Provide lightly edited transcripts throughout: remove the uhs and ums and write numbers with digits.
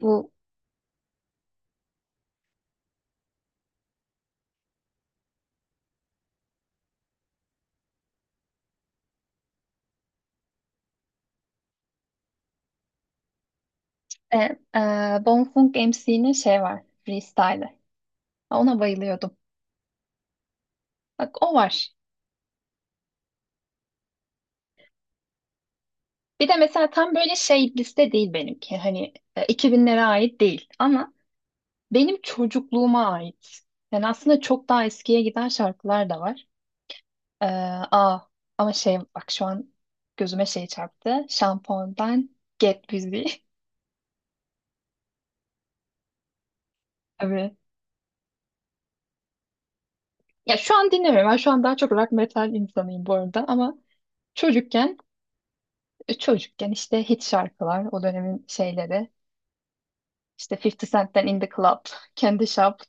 Bu e, e, Bonfunk MC'nin şey var. Freestyle'ı. Ona bayılıyordum. Bak o var. Bir de mesela tam böyle şey liste değil benimki. Hani 2000'lere ait değil. Ama benim çocukluğuma ait. Yani aslında çok daha eskiye giden şarkılar da var. E, aa, ama şey bak şu an gözüme şey çarptı. Şampondan Get Busy. Tabii. Ya şu an dinlemiyorum. Ben şu an daha çok rock metal insanıyım bu arada. Ama çocukken Çocukken işte hit şarkılar, o dönemin şeyleri. İşte 50 Cent'ten In the Club, Candy Shop.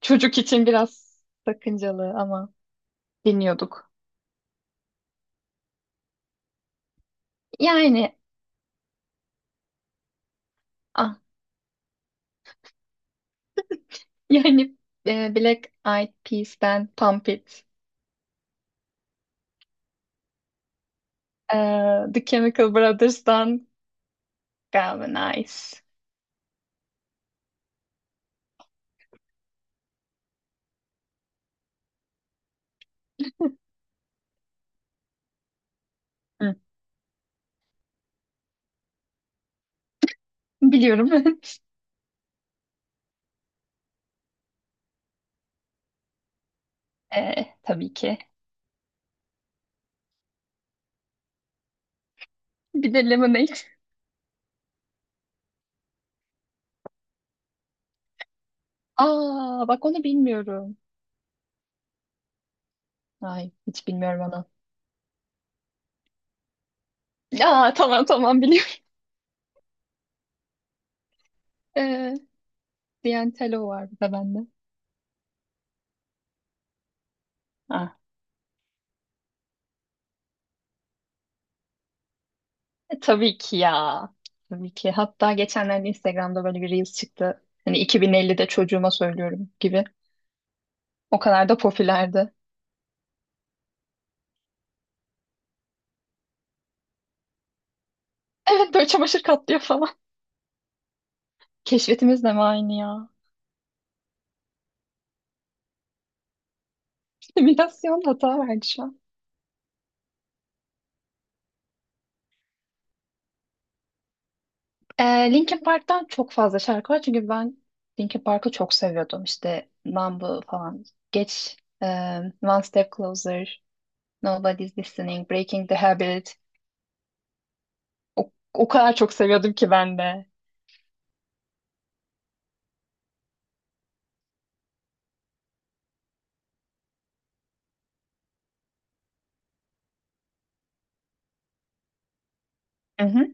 Çocuk için biraz sakıncalı ama dinliyorduk. Yani ah, yani Black Eyed Peas'ten Pump It, e, The Chemical Brothers'tan Galvanize. Hı. Biliyorum. Tabii ki. Bir de Lemonade. Aa bak onu bilmiyorum. Ay hiç bilmiyorum onu. Aa, tamam tamam, biliyorum. E, Diantelo var bir de bende. Ah, tabii ki ya. Tabii ki. Hatta geçenlerde Instagram'da böyle bir Reels çıktı. Hani 2050'de çocuğuma söylüyorum gibi. O kadar da popülerdi. Evet, böyle çamaşır katlıyor falan. Keşfetimiz de mi aynı ya? Simülasyon hata verdi şu an. Ee, Linkin Park'tan çok fazla şarkı var. Çünkü ben Linkin Park'ı çok seviyordum. İşte Numb falan. Geç. e, One Step Closer. Nobody's Listening. Breaking the Habit. O kadar çok seviyordum ki ben de. Hı hı.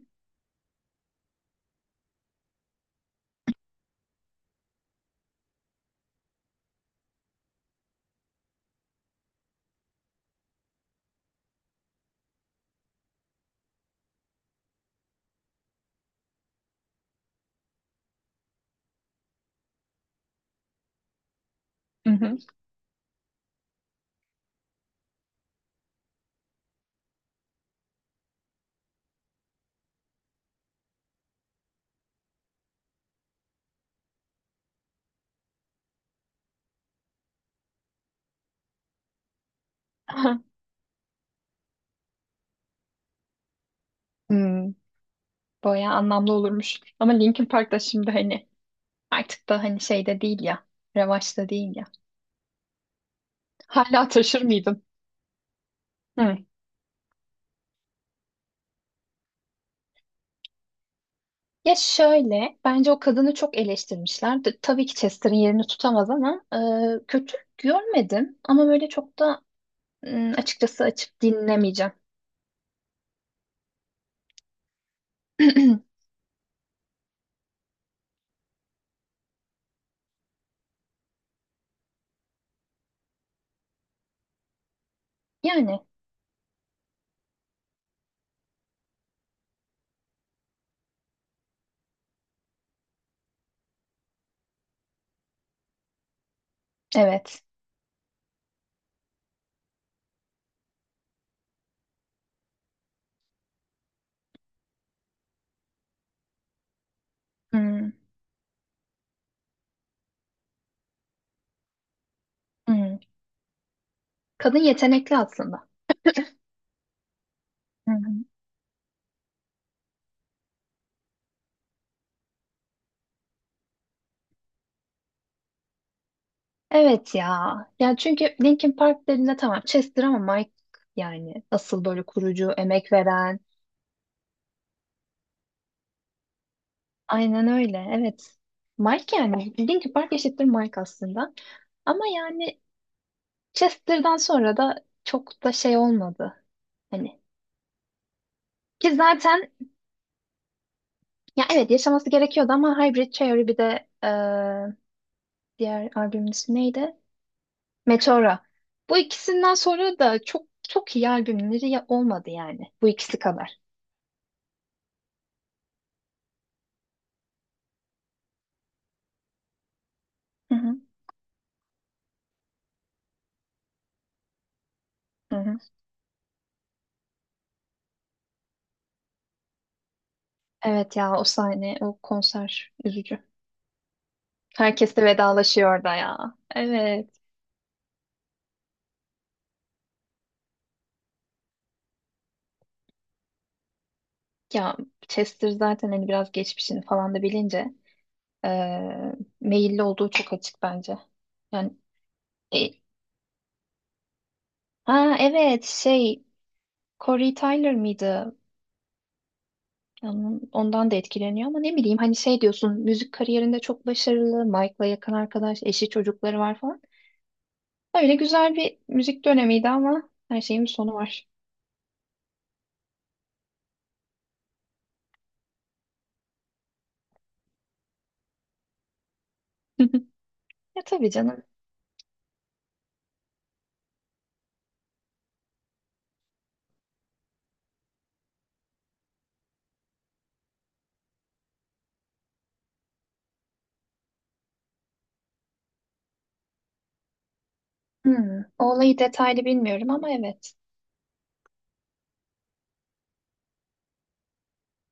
Hı hı. Hmm, bayağı anlamlı olurmuş. Ama Linkin Park da şimdi hani artık da hani şeyde değil ya. Revaçta değil ya. Hala taşır mıydın? Hmm. Ya şöyle, bence o kadını çok eleştirmişler. Tabii ki Chester'ın yerini tutamaz ama kötü görmedim. Ama böyle çok da açıkçası açıp dinlemeyeceğim. Yani evet. Hmm, hmm. Kadın yetenekli aslında. Hı hı. Evet ya. Ya çünkü Linkin Park dediğinde tamam Chester ama Mike yani asıl böyle kurucu, emek veren. Aynen öyle. Evet. Mike yani. Linkin Park eşittir Mike aslında. Ama yani Chester'dan sonra da çok da şey olmadı. Hani ki zaten ya evet yaşaması gerekiyordu ama Hybrid Theory bir de diğer albümün ismi neydi? Meteora. Bu ikisinden sonra da çok çok iyi albümleri olmadı yani. Bu ikisi kadar. Hı hı. Hı hı. Evet ya, o sahne, o konser üzücü. Herkes de vedalaşıyor orada ya. Evet. Ya Chester zaten hani biraz geçmişini falan da bilince eee meyilli olduğu çok açık bence. Yani e, ha evet şey Corey Tyler mıydı? Yani ondan da etkileniyor ama ne bileyim hani şey diyorsun müzik kariyerinde çok başarılı, Mike'la yakın arkadaş, eşi çocukları var falan. Öyle güzel bir müzik dönemiydi ama her şeyin bir sonu var. Ya tabii canım. Hmm, o olayı detaylı bilmiyorum ama evet.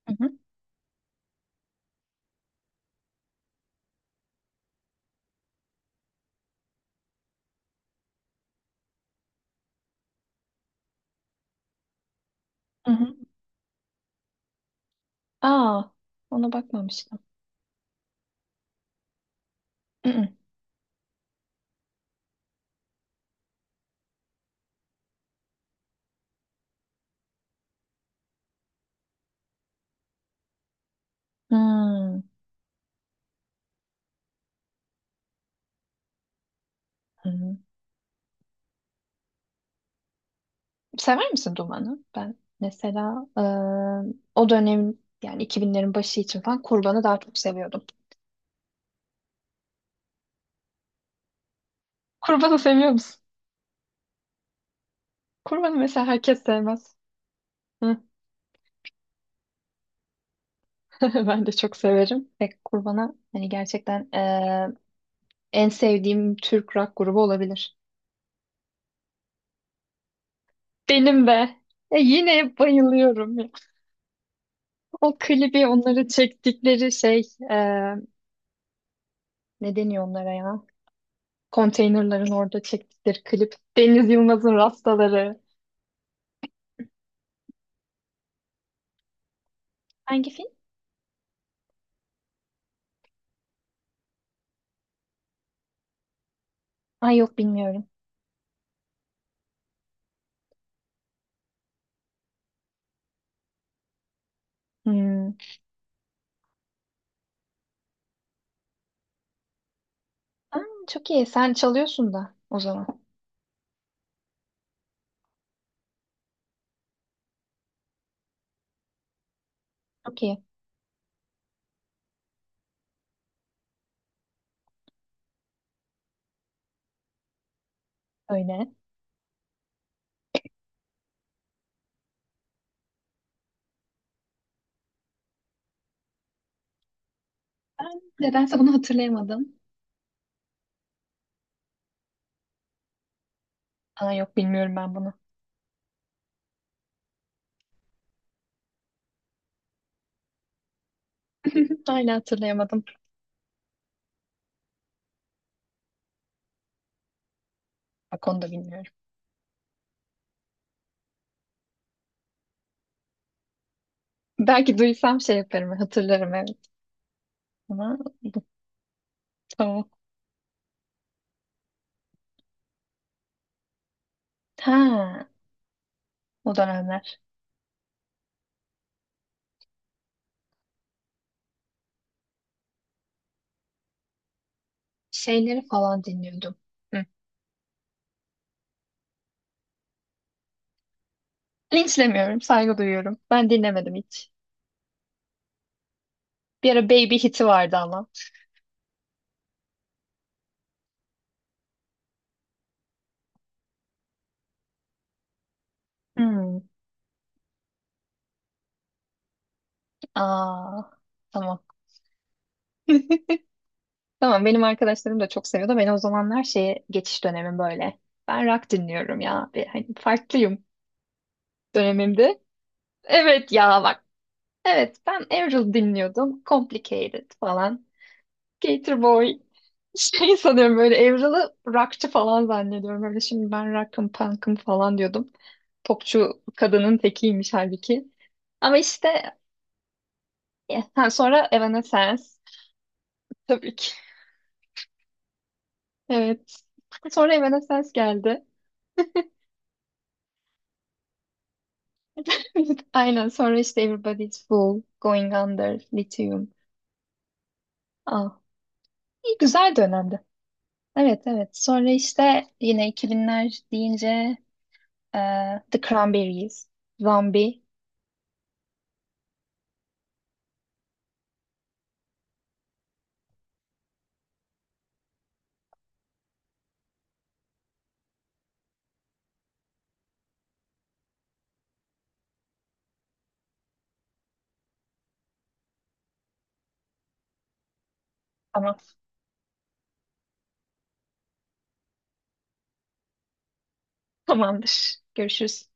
Hı hı. Hı hı. Aa, ona bakmamıştım. Hı hı. Hmm, hı hı. Sever misin Duman'ı? Ben mesela o dönem yani 2000'lerin başı için falan Kurban'ı daha çok seviyordum. Kurban'ı seviyor musun? Kurban'ı mesela herkes sevmez. Hı. Ben de çok severim. Ve Kurban'a hani gerçekten en sevdiğim Türk rock grubu olabilir. Benim be. Yine bayılıyorum. O klibi onları çektikleri şey, e, ne deniyor onlara ya? Konteynerların orada çektikleri klip. Deniz Yılmaz'ın Rastaları. Hangi film? Ay, yok bilmiyorum. Hmm. Aa, çok iyi. Sen çalıyorsun da o zaman. Çok iyi. Öyle. Ben nedense bunu hatırlayamadım. Aa, yok bilmiyorum ben bunu. Hala hatırlayamadım. Bak onu da bilmiyorum. Belki duysam şey yaparım. Hatırlarım, evet. Ama bu, tamam. Ha, o dönemler. Şeyleri falan dinliyordum. Hı. Linçlemiyorum, saygı duyuyorum. Ben dinlemedim hiç. Bir ara Baby Hit'i vardı ama. Hmm. Aa, tamam. Tamam, benim arkadaşlarım da çok seviyordu. Ben o zamanlar şeye geçiş dönemim böyle. Ben rock dinliyorum ya. Bir, hani farklıyım dönemimde. Evet ya, bak. Evet, ben Avril dinliyordum. Complicated falan. Gatorboy. Şey sanıyorum böyle Evralı rockçı falan zannediyorum. Öyle şimdi ben rock'ım, punk'ım falan diyordum. Popçu kadının tekiymiş halbuki. Ama işte ha, sonra Evanescence. Tabii ki. Evet. Sonra Evanescence geldi. Aynen, sonra işte Everybody's Fool, Going Under, Lithium. Ah, iyi güzel dönemdi. Evet, evet. Sonra işte yine 2000'ler deyince The Cranberries, Zombie. Ama Tamamdır. Görüşürüz.